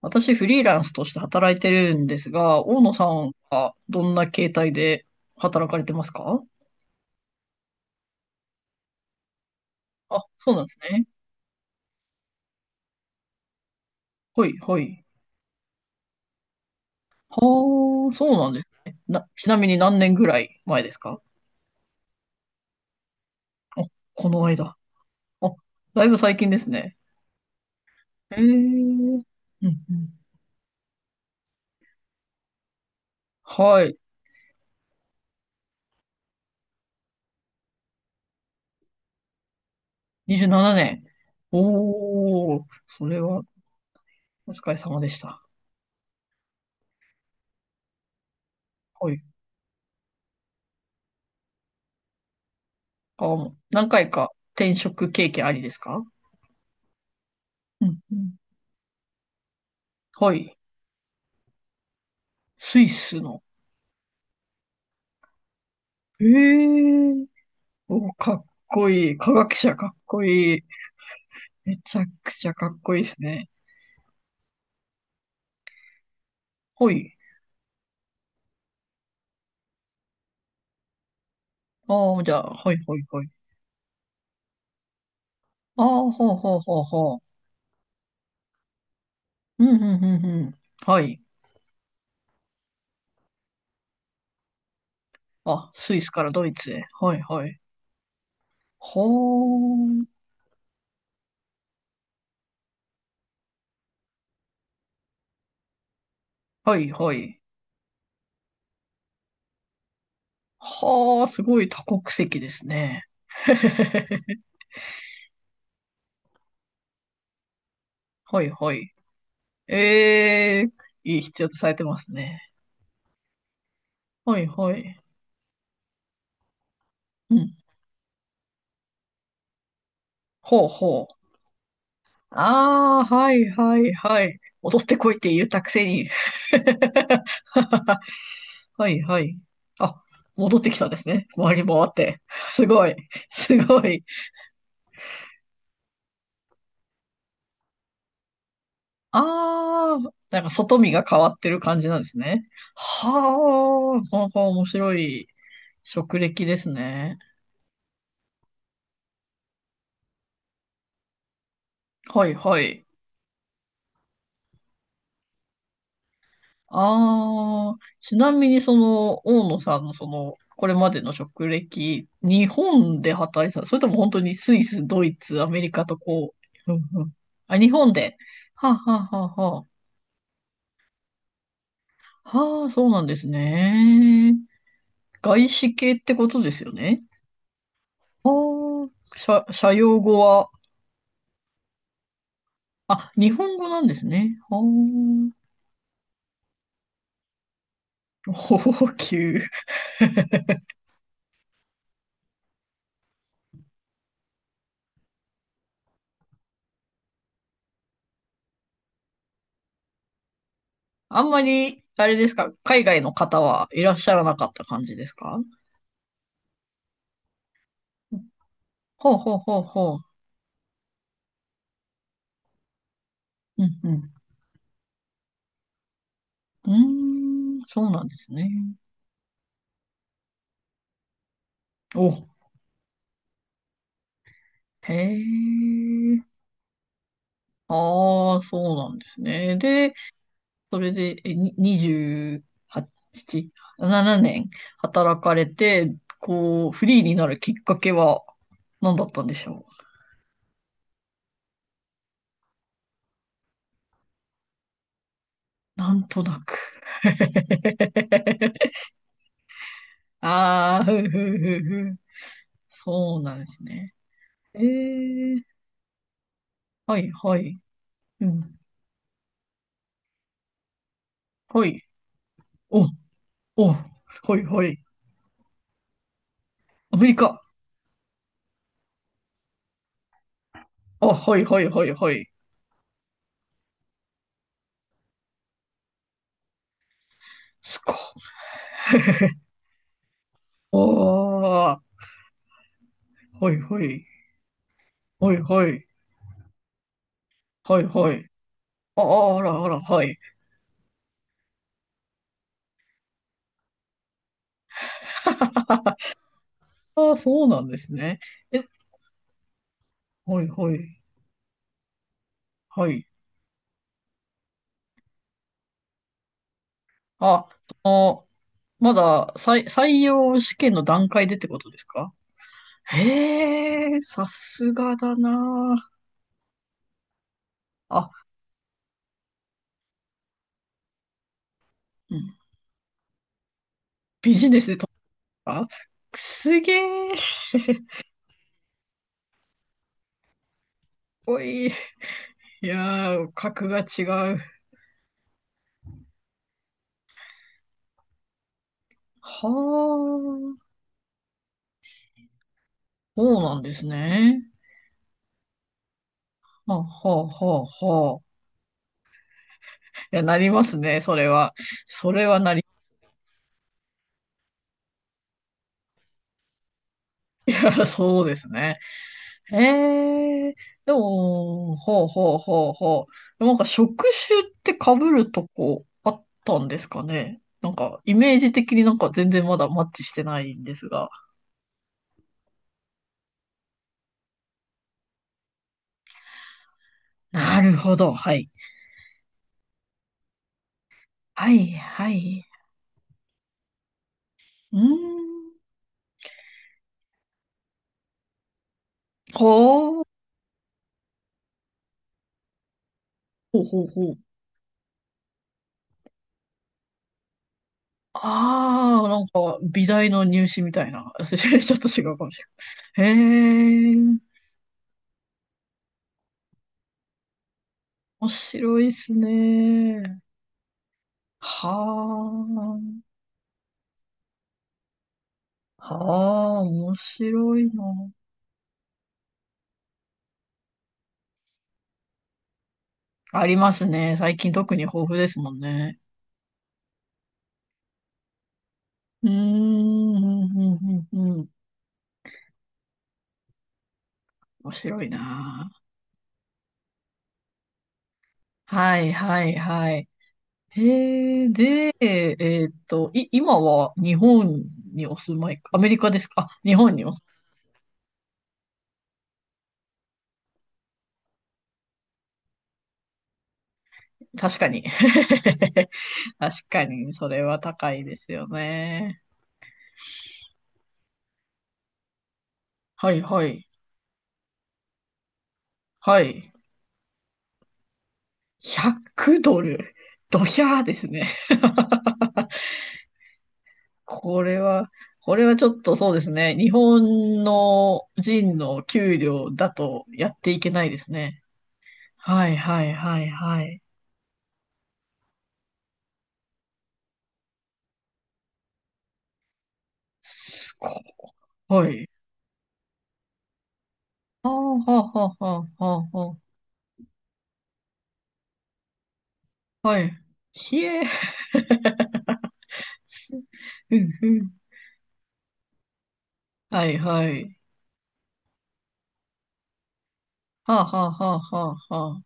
私、フリーランスとして働いてるんですが、大野さんはどんな形態で働かれてますか？あ、そうなんですね。はい、はい。はあ、そうなんですね。ちなみに何年ぐらい前ですか？あ、この間。あ、だいぶ最近ですね。へえ。うんうん。はい。27年。おー、それはお疲れ様でした。はい。あ、もう何回か転職経験ありですか？うんうん。はい。スイスの。ええ。お、かっこいい。科学者かっこいい。めちゃくちゃかっこいいですね。ほい。ああ、じゃあ、はいはいはい。ああ、ほうほうほうほう。うん、うん、うん、うん。はい。あ、スイスからドイツへ。はいはい。ほー。はいはい。はあ、すごい多国籍ですね。はいはい。ええ、必要とされてますね。はいはい。うん。ほうほう。ああ、はいはいはい。戻ってこいって言ったくせに。はいはい。あ、戻ってきたんですね。回り回って。すごい。すごい。ああ、なんか外見が変わってる感じなんですね。はあ、はあ、面白い職歴ですね。はいはい。ああ、ちなみにその、大野さんのその、これまでの職歴、日本で働いてた、それとも本当にスイス、ドイツ、アメリカとこう、うんうん。あ、日本で。はあ、はあ、はあ、はあ。はあ、そうなんですね。外資系ってことですよね。ああ、社用語は、あ、日本語なんですね。はあ、高級。あんまり、あれですか、海外の方はいらっしゃらなかった感じですか？ほうほうほうほう。うんうん。うーん、そうなんですね。お、へえ。ああ、そうなんですね。で、それで、に28、7年働かれて、こう、フリーになるきっかけは何だったんでしょう？なんとなく。ああ、ふふふふ。そうなんですね。ええ、はいはい。うん。はい。お、お、はいはい。アメリカ。あ、はいはいはいはい。すごい。ああ、はいはい。はいはい。はいはい。ああ、あらあら、はい。ああ、そうなんですね。え、はいはい。はい。あ、その、まだ採用試験の段階でってことですか？へえ、さすがだなあ。あ、うん。ビジネスで取った。すげえ。おい。いやー、格が違う。はあ、そうなんですね。ほうほうほうほう。いや、なりますね、それは。それはなり、そうですね。へえ、でも、ほうほうほうほう。なんか職種って被るとこあったんですかね。なんか、イメージ的になんか全然まだマッチしてないんですが。なるほど、はい。はい、はい。うーん、ほう、ほうほうほう。ああ、なんか、美大の入試みたいな。ちょっと違うかもしれない。へえ。面白いっすね。はあ、はあ、面白いな。ありますね。最近特に豊富ですもんね。うーん、うんうんうんうん。面白いな。はい、はい、はい。へえ、で、今は日本にお住まい、アメリカですか？あ、日本にお、確かに。確かに、それは高いですよね。はい、はい、はい。100ドル。ドヒャーですね。これは、これはちょっとそうですね。日本の人の給料だとやっていけないですね。はいはいはいはい。すごい。はあはあはあはあはあはあ。はい。ひえ。すうんうん。はいはい。はあはあはあはあはあ。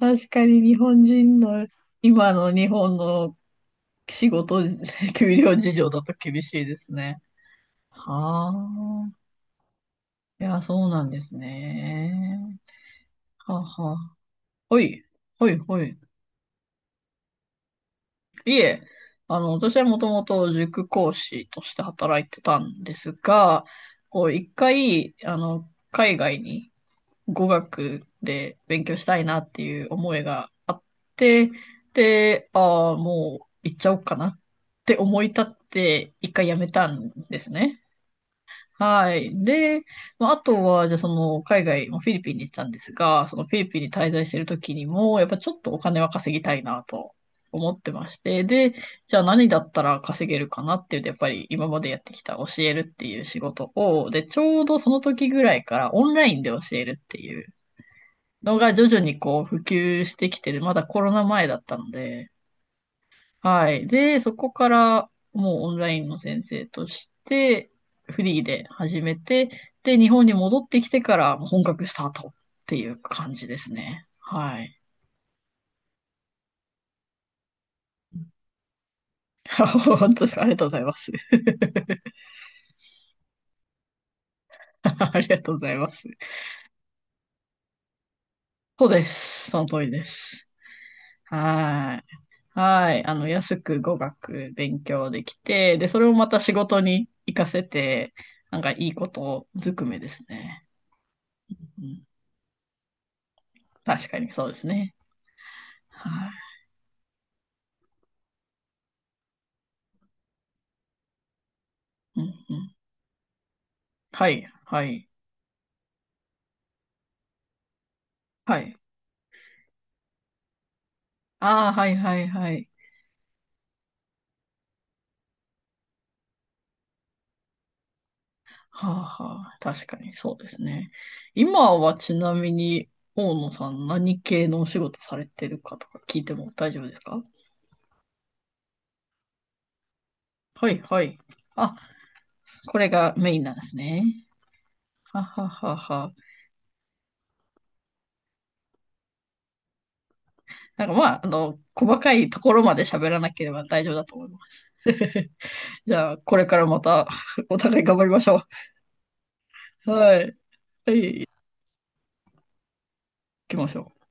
確かに日本人の、今の日本の仕事、給料事情だと厳しいですね。ああ、いや、そうなんですね。はあはあ。ほい、ほい、ほい。いえ、私はもともと塾講師として働いてたんですが、こう、一回、海外に語学で勉強したいなっていう思いがあって、で、ああ、もう行っちゃおうかなって思い立って、一回辞めたんですね。はい。で、まあ、あとは、じゃあその、海外、まあフィリピンに行ってたんですが、そのフィリピンに滞在してる時にも、やっぱちょっとお金は稼ぎたいなと思ってまして、で、じゃあ何だったら稼げるかなっていうと、やっぱり今までやってきた教えるっていう仕事を、で、ちょうどその時ぐらいからオンラインで教えるっていうのが徐々にこう普及してきてる、まだコロナ前だったので、はい。で、そこからもうオンラインの先生としてフリーで始めて、で、日本に戻ってきてから本格スタートっていう感じですね。はい。本当ですか？ありがとうございます。ありがとうございます。そうです。その通りです。はい。はい。安く語学勉強できて、で、それをまた仕事に活かせて、なんかいいことずくめですね。うん、確かにそうですね。はい。うんうん。はい、はい、はい。ああ、はい、はい、はい。はあ、はあ、確かにそうですね。今はちなみに、大野さん何系のお仕事されてるかとか聞いても大丈夫ですか？はい、はい。あ、これがメインなんですね。はははは。なんかまあ、細かいところまで喋らなければ大丈夫だと思います。じゃあ、これからまた お互い頑張りましょう。はい、行きましょう。